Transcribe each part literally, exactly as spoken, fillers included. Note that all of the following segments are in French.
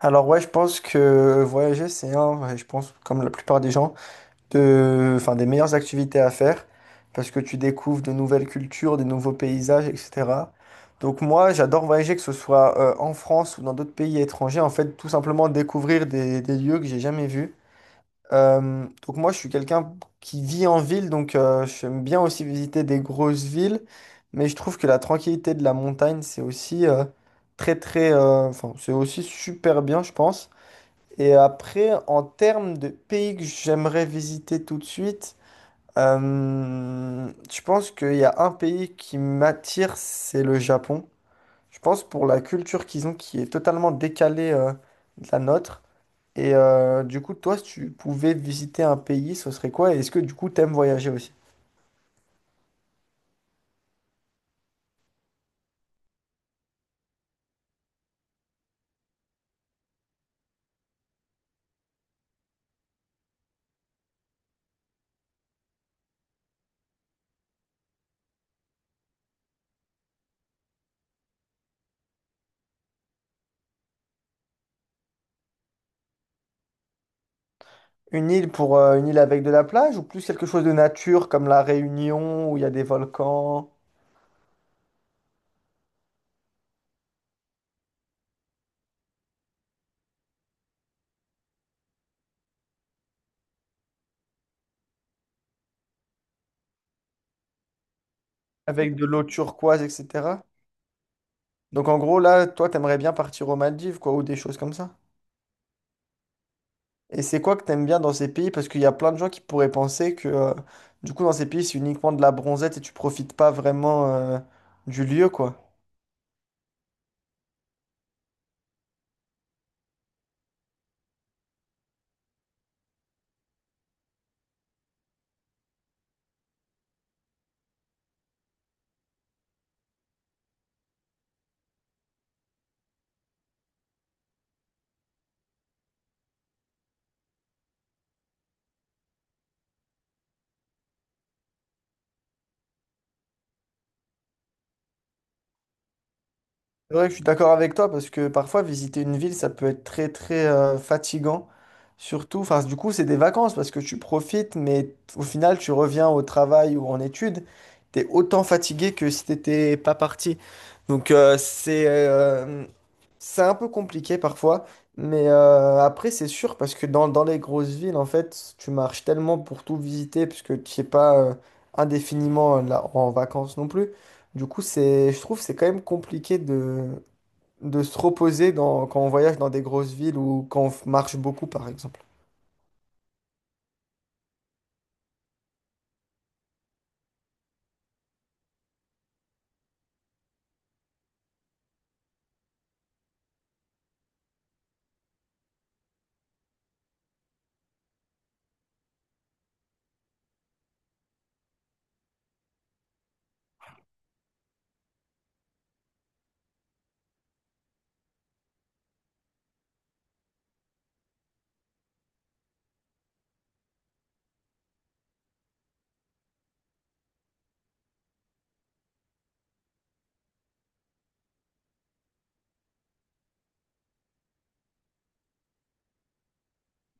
Alors ouais, je pense que voyager, c'est un, je pense, comme la plupart des gens, de, enfin, des meilleures activités à faire, parce que tu découvres de nouvelles cultures, des nouveaux paysages, et cetera. Donc moi, j'adore voyager, que ce soit euh, en France ou dans d'autres pays étrangers, en fait, tout simplement découvrir des, des lieux que j'ai jamais vus. Euh, donc moi, je suis quelqu'un qui vit en ville, donc euh, j'aime bien aussi visiter des grosses villes, mais je trouve que la tranquillité de la montagne, c'est aussi euh, très, très, euh, enfin, c'est aussi super bien, je pense. Et après, en termes de pays que j'aimerais visiter tout de suite, euh, je pense qu'il y a un pays qui m'attire, c'est le Japon. Je pense pour la culture qu'ils ont qui est totalement décalée euh, de la nôtre. Et euh, du coup, toi, si tu pouvais visiter un pays, ce serait quoi? Et est-ce que du coup, t'aimes voyager aussi? Une île pour euh, une île avec de la plage ou plus quelque chose de nature comme la Réunion où il y a des volcans, avec de l'eau turquoise, et cetera. Donc en gros, là, toi, t'aimerais bien partir aux Maldives, quoi, ou des choses comme ça. Et c'est quoi que t'aimes bien dans ces pays? Parce qu'il y a plein de gens qui pourraient penser que, euh, du coup, dans ces pays, c'est uniquement de la bronzette et tu profites pas vraiment, euh, du lieu, quoi. C'est vrai que je suis d'accord avec toi parce que parfois visiter une ville ça peut être très très euh, fatigant, surtout enfin du coup c'est des vacances parce que tu profites mais au final tu reviens au travail ou en études. T'es autant fatigué que si t'étais pas parti, donc euh, c'est euh, c'est un peu compliqué parfois. Mais euh, après c'est sûr parce que dans, dans les grosses villes en fait tu marches tellement pour tout visiter puisque tu n'es pas euh, indéfiniment euh, là en vacances non plus. Du coup, c'est, je trouve c'est quand même compliqué de, de se reposer dans, quand on voyage dans des grosses villes ou quand on f- marche beaucoup, par exemple.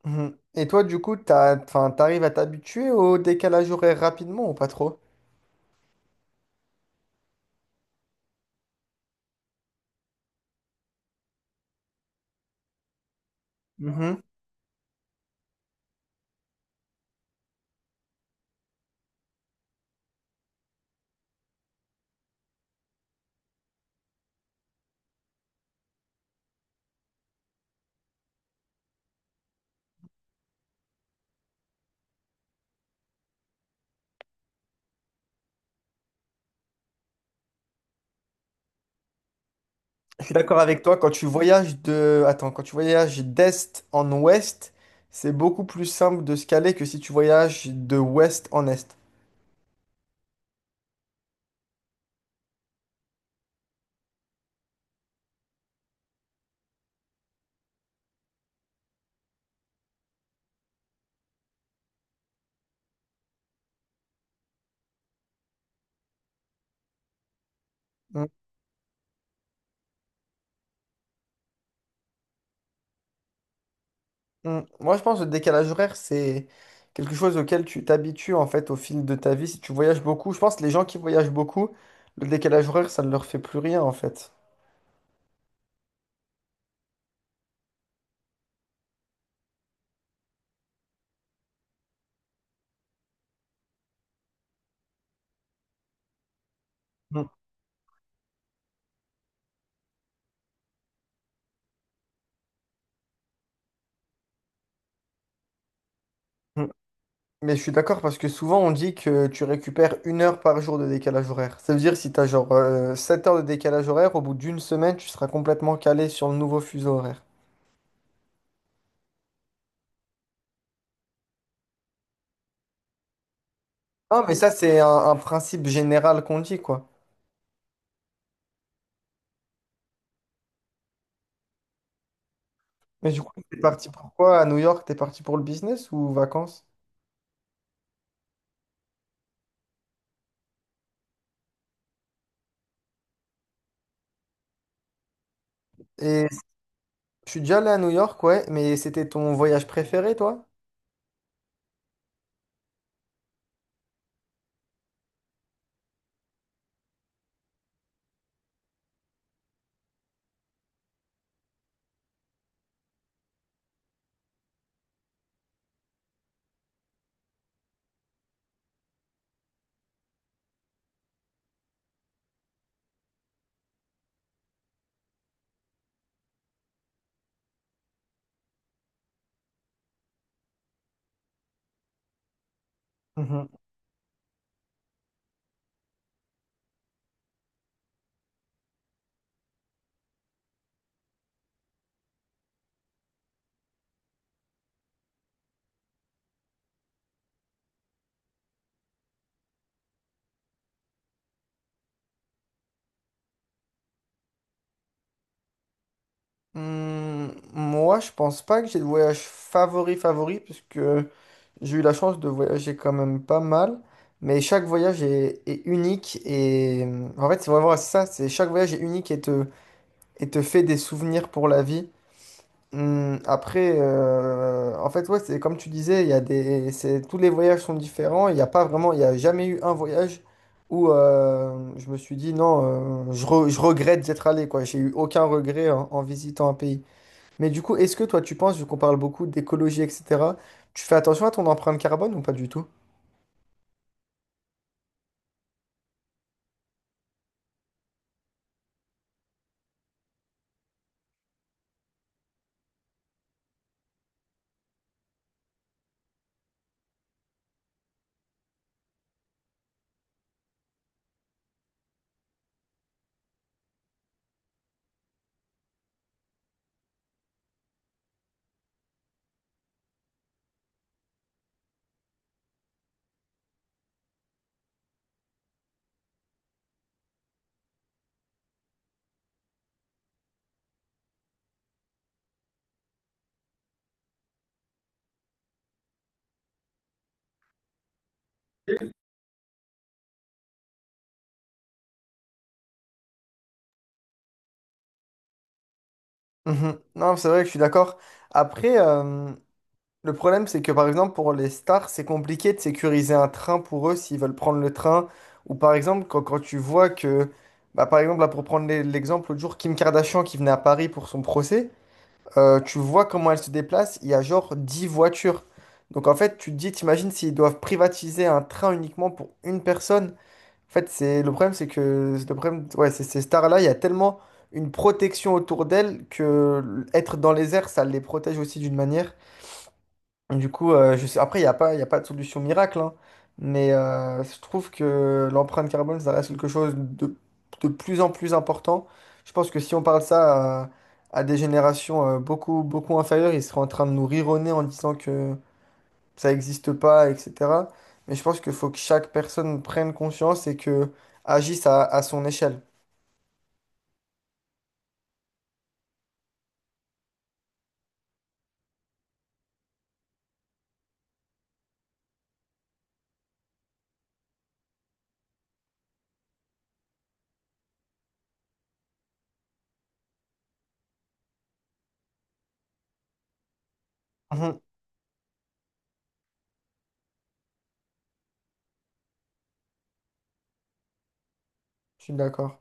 Mhm. Et toi, du coup, t'as, enfin, t'arrives à t'habituer au décalage horaire rapidement ou pas trop? Mhm. Je suis d'accord avec toi, quand tu voyages de... Attends, quand tu voyages d'est en ouest, c'est beaucoup plus simple de se caler que si tu voyages de ouest en est. Mm. Moi, je pense que le décalage horaire, c'est quelque chose auquel tu t'habitues en fait au fil de ta vie. Si tu voyages beaucoup, je pense que les gens qui voyagent beaucoup, le décalage horaire, ça ne leur fait plus rien en fait. Mm, mm. Mais je suis d'accord parce que souvent on dit que tu récupères une heure par jour de décalage horaire. Ça veut dire si tu as genre euh, sept heures de décalage horaire, au bout d'une semaine, tu seras complètement calé sur le nouveau fuseau horaire. Non, mais ça, c'est un, un principe général qu'on dit quoi. Mais du coup, t'es parti pour quoi à New York? T'es parti pour le business ou vacances? Et je suis déjà allé à New York, ouais, mais c'était ton voyage préféré, toi? Mhm. Hmm, moi, je pense pas que j'ai le voyage favori favori, puisque j'ai eu la chance de voyager quand même pas mal. Mais chaque voyage est, est unique et euh, en fait, c'est vraiment ça, c'est chaque voyage est unique et te, et te fait des souvenirs pour la vie. Hmm, après, euh, en fait, ouais, c'est comme tu disais, il y a des, c'est, tous les voyages sont différents. Il n'y a pas vraiment, il y a jamais eu un voyage où euh, je me suis dit non, euh, je, re- je regrette d'être allé, quoi. J'ai eu aucun regret en, en visitant un pays. Mais du coup, est-ce que toi, tu penses, vu qu'on parle beaucoup d'écologie, et cetera, tu fais attention à ton empreinte carbone ou pas du tout? Mhm. Non, c'est vrai que je suis d'accord. Après, euh, le problème, c'est que par exemple, pour les stars, c'est compliqué de sécuriser un train pour eux s'ils veulent prendre le train. Ou par exemple, quand, quand tu vois que, bah, par exemple, là, pour prendre l'e- l'exemple, l'autre jour, Kim Kardashian qui venait à Paris pour son procès, euh, tu vois comment elle se déplace, il y a genre dix voitures. Donc en fait, tu te dis, t'imagines s'ils doivent privatiser un train uniquement pour une personne. En fait, c'est le problème, c'est que le problème, ouais, c'est ces stars-là, il y a tellement une protection autour d'elles que être dans les airs, ça les protège aussi d'une manière. Du coup, euh, je sais- après, il n'y a pas, il a pas de solution miracle, hein. Mais euh, je trouve que l'empreinte carbone, ça reste quelque chose de, de plus en plus important. Je pense que si on parle ça à, à des générations euh, beaucoup, beaucoup inférieures, ils seraient en train de nous rironner en disant que ça n'existe pas, et cetera. Mais je pense qu'il faut que chaque personne prenne conscience et que agisse à, à son échelle. Mhm. Je suis d'accord.